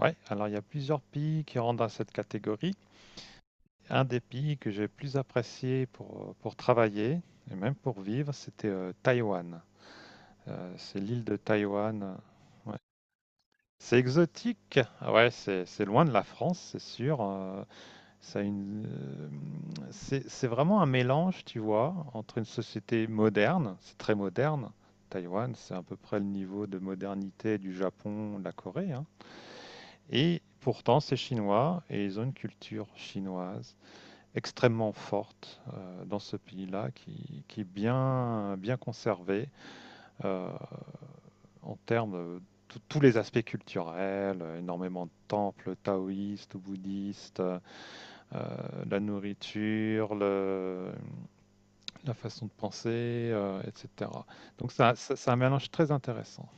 Ouais, alors il y a plusieurs pays qui rentrent dans cette catégorie. Un des pays que j'ai plus apprécié pour travailler et même pour vivre, c'était Taïwan. C'est l'île de Taïwan. Ouais. C'est exotique. Ah ouais, c'est loin de la France, c'est sûr. Ça a une, euh, c'est vraiment un mélange, tu vois, entre une société moderne, c'est très moderne. Taïwan, c'est à peu près le niveau de modernité du Japon, de la Corée, hein. Et pourtant, c'est chinois et ils ont une culture chinoise extrêmement forte dans ce pays-là qui est bien, bien conservée euh, en termes de tous les aspects culturels, énormément de temples taoïstes ou bouddhistes, la nourriture, la façon de penser, etc. C'est un mélange très intéressant.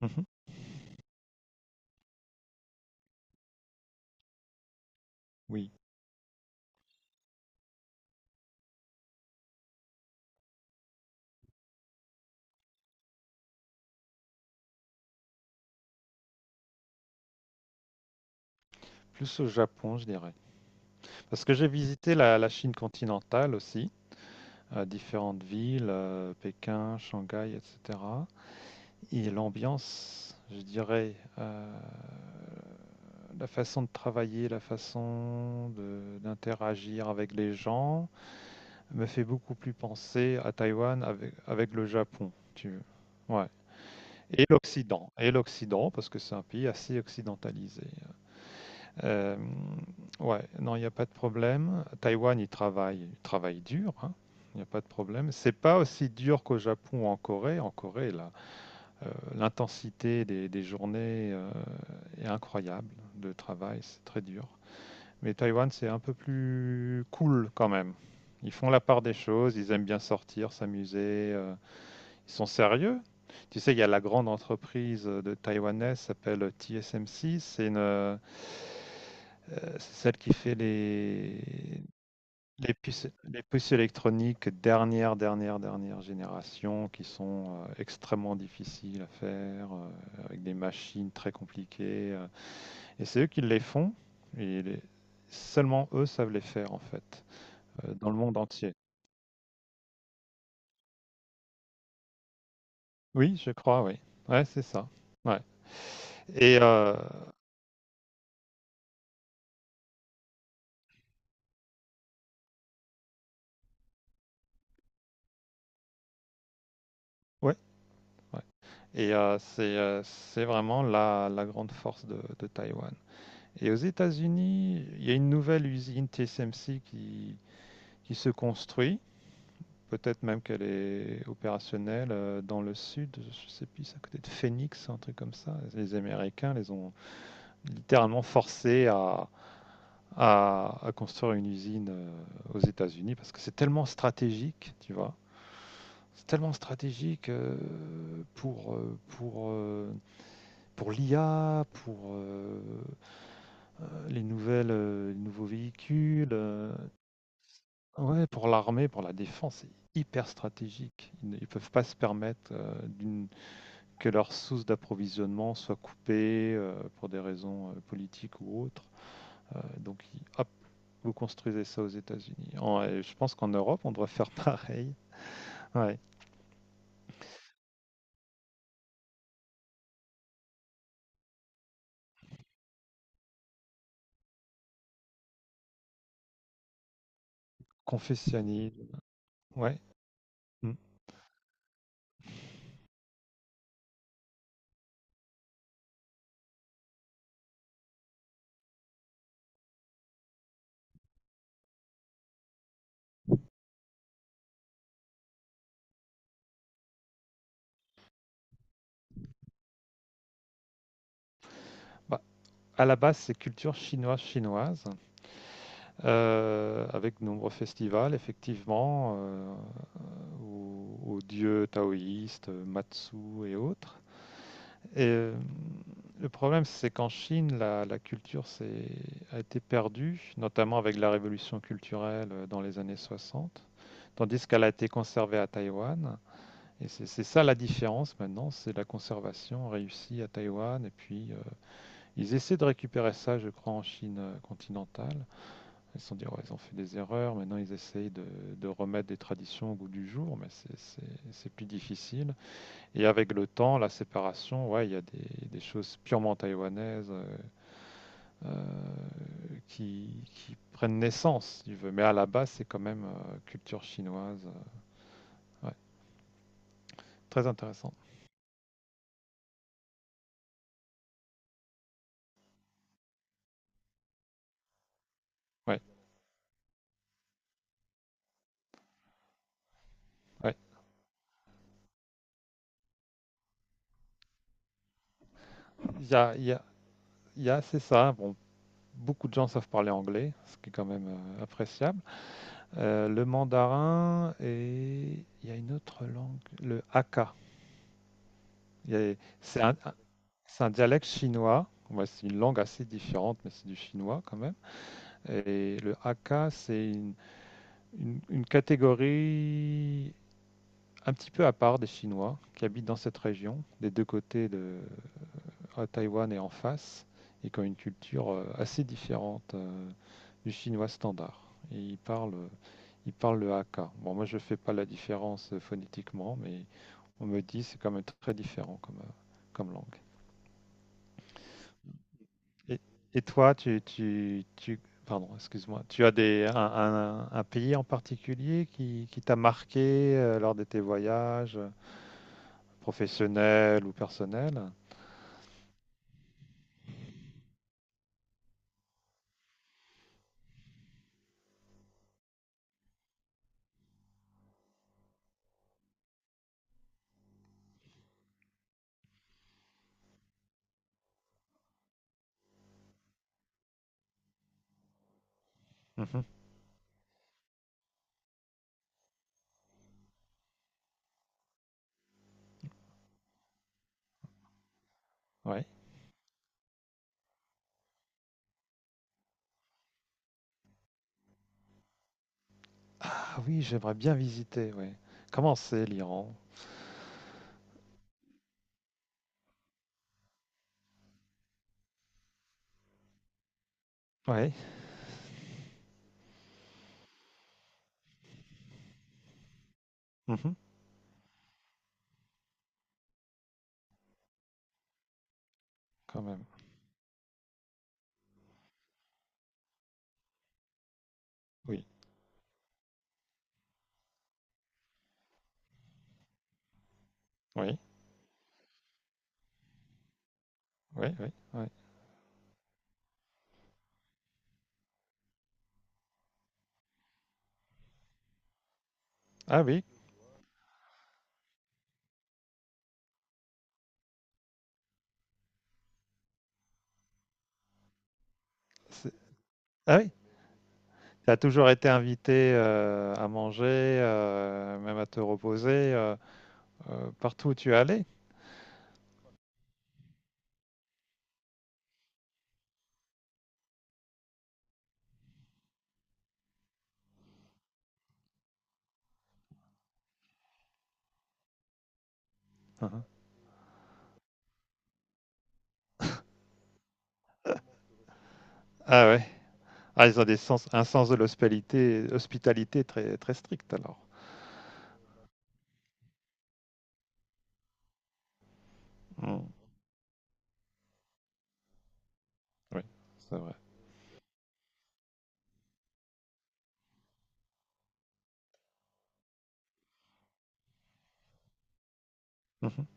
Mhm. Oui, plus au Japon, je dirais. Parce que j'ai visité la Chine continentale aussi, à différentes villes, Pékin, Shanghai, etc. Et l'ambiance, je dirais, la façon de travailler, d'interagir avec les gens, me fait beaucoup plus penser à Taïwan avec, avec le Japon, si tu veux. Ouais. Et l'Occident, parce que c'est un pays assez occidentalisé. Euh, ouais, non, il n'y a pas de problème. Taïwan, ils travaillent dur, hein. Il n'y a pas de problème. C'est pas aussi dur qu'au Japon ou en Corée. En Corée, là, l'intensité des journées est incroyable de travail, c'est très dur. Mais Taïwan, c'est un peu plus cool quand même. Ils font la part des choses, ils aiment bien sortir, s'amuser, ils sont sérieux? Tu sais, il y a la grande entreprise de taïwanaise qui s'appelle TSMC, c'est celle qui fait les puces électroniques dernière dernière génération qui sont extrêmement difficiles à faire, avec des machines très compliquées, et c'est eux qui les font et les- seulement eux savent les faire en fait, dans le monde entier. Oui, je crois, oui. Ouais, c'est ça. Ouais. Et euh, ouais, Ouais. C'est vraiment la grande force de Taïwan. Et aux États-Unis, il y a une nouvelle usine TSMC qui se construit. Peut-être même qu'elle est opérationnelle, dans le sud, je sais plus, c'est à côté de Phoenix, un truc comme ça. Les Américains les ont littéralement forcés à, à construire une usine aux États-Unis parce que c'est tellement stratégique, tu vois. C'est tellement stratégique, pour, euh, pour euh, pour l'IA, les nouveaux véhicules, ouais, pour l'armée, pour la défense, c'est hyper stratégique. Ils ne ils peuvent pas se permettre, que leur source d'approvisionnement soit coupée, pour des raisons politiques ou autres. Donc, hop, vous construisez ça aux États-Unis. Je pense qu'en Europe, on devrait faire pareil. Ouais, confessionnalisme. Ouais. Mm. Bah, à la base, c'est culture chinoise chinoise. Avec de nombreux festivals, effectivement, aux, aux dieux taoïstes, Matsu et autres. Et euh, le problème, c'est qu'en Chine, la culture a été perdue, notamment avec la révolution culturelle, dans les années 60, tandis qu'elle a été conservée à Taïwan. Et c'est ça la différence maintenant, c'est la conservation réussie à Taïwan. Et puis, ils essaient de récupérer ça, je crois, en Chine continentale. Ils se sont dit, ouais, ils ont fait des erreurs, maintenant ils essayent de remettre des traditions au goût du jour, mais c'est plus difficile. Et avec le temps, la séparation, ouais, il y a des choses purement taïwanaises, euh, qui prennent naissance, si tu veux. Mais à la base, c'est quand même culture chinoise. Ouais. Très intéressant. Ouais, ouais. Il y a, il y a- il y a- C'est ça. Bon, beaucoup de gens savent parler anglais, ce qui est quand même appréciable. Le mandarin, et il y a une autre langue, le Hakka. Il y a- C'est un, c'est un dialecte chinois. Ouais, c'est une langue assez différente, mais c'est du chinois quand même. Et le Hakka, c'est une catégorie un petit peu à part des Chinois qui habitent dans cette région, des deux côtés de, à Taïwan est en face, et qui ont une culture assez différente du chinois standard. Et ils parlent le Hakka. Bon, moi, je fais pas la différence phonétiquement, mais on me dit c'est quand même très différent comme, comme langue. Et, et toi, pardon, excuse-moi, tu as un pays en particulier qui t'a marqué lors de tes voyages professionnels ou personnels? Oui. Ah oui, j'aimerais bien visiter, oui. Comment c'est l'Iran? Oui. Mhm. Quand même. Oui. Oui. Oui, oui, oui. Ah oui. C'est- Ah oui. Tu as toujours été invité à manger, même à te reposer, partout où tu es allé. Mhm. Ah ouais. Ah, ils ont un sens de l'hospitalité, hospitalité très, très strict alors. Mm. Oui, c'est vrai. Mhm.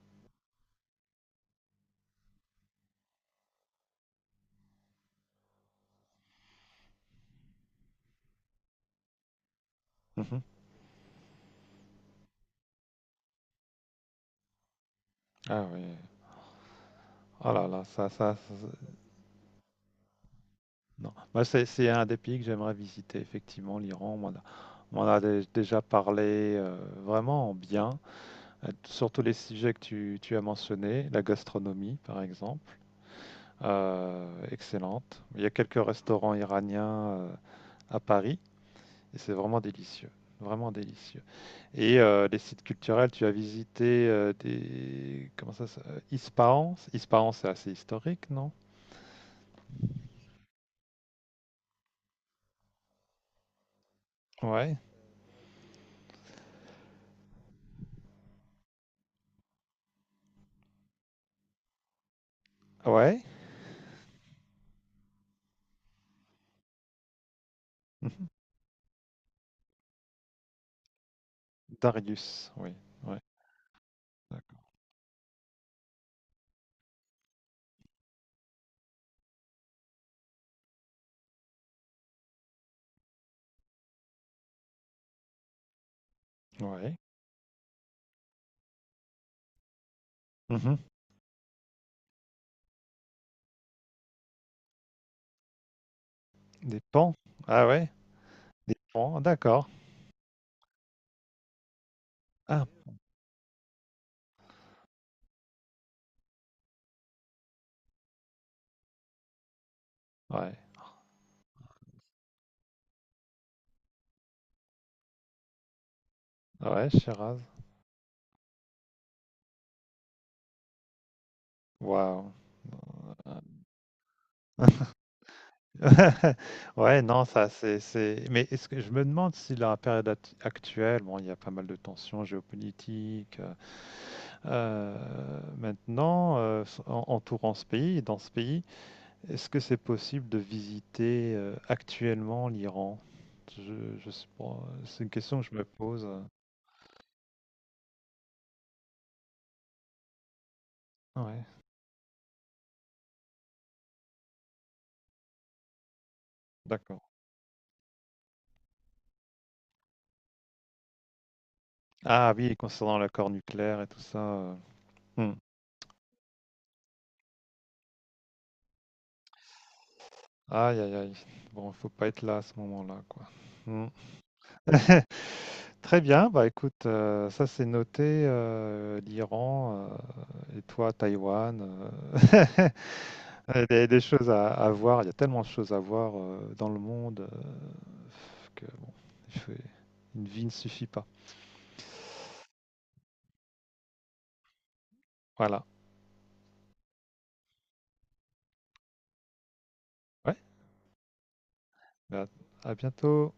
Mhm. Ah oui. Oh là là, ça, ça, Non. Moi, c'est un des pays que j'aimerais visiter, effectivement, l'Iran. On m'en a déjà parlé, vraiment en bien, sur les sujets que tu as mentionnés, la gastronomie, par exemple, excellente. Il y a quelques restaurants iraniens à Paris, et c'est vraiment délicieux, vraiment délicieux. Les sites culturels, tu as visité des... Comment ça, Ispahan? Ispahan, c'est assez historique, non? Ouais. Ouais. Mhm. Darius, oui. Ouais. Ouais. Mhm. Des pans. Ah ouais, des pans, d'accord. Ah, ouais. Ouais, Shiraz. Waouh. Ouais, non, ça c'est mais est-ce que je me demande si la période actuelle, bon, il y a pas mal de tensions géopolitiques, maintenant, entourant ce pays, dans ce pays, est-ce que c'est possible de visiter actuellement l'Iran? Je sais pas, c'est une question que je me pose. Ouais, d'accord. Ah oui, concernant l'accord nucléaire et tout ça. Hmm. Aïe, aïe, aïe. Bon, faut pas être là à ce moment-là, quoi. Hmm. Très bien, bah écoute, ça c'est noté, l'Iran et toi, Taïwan. Il y a des choses à voir, il y a tellement de choses à voir dans le monde, que bon, il faut- une vie ne suffit pas. Voilà. Ouais, bah, à bientôt.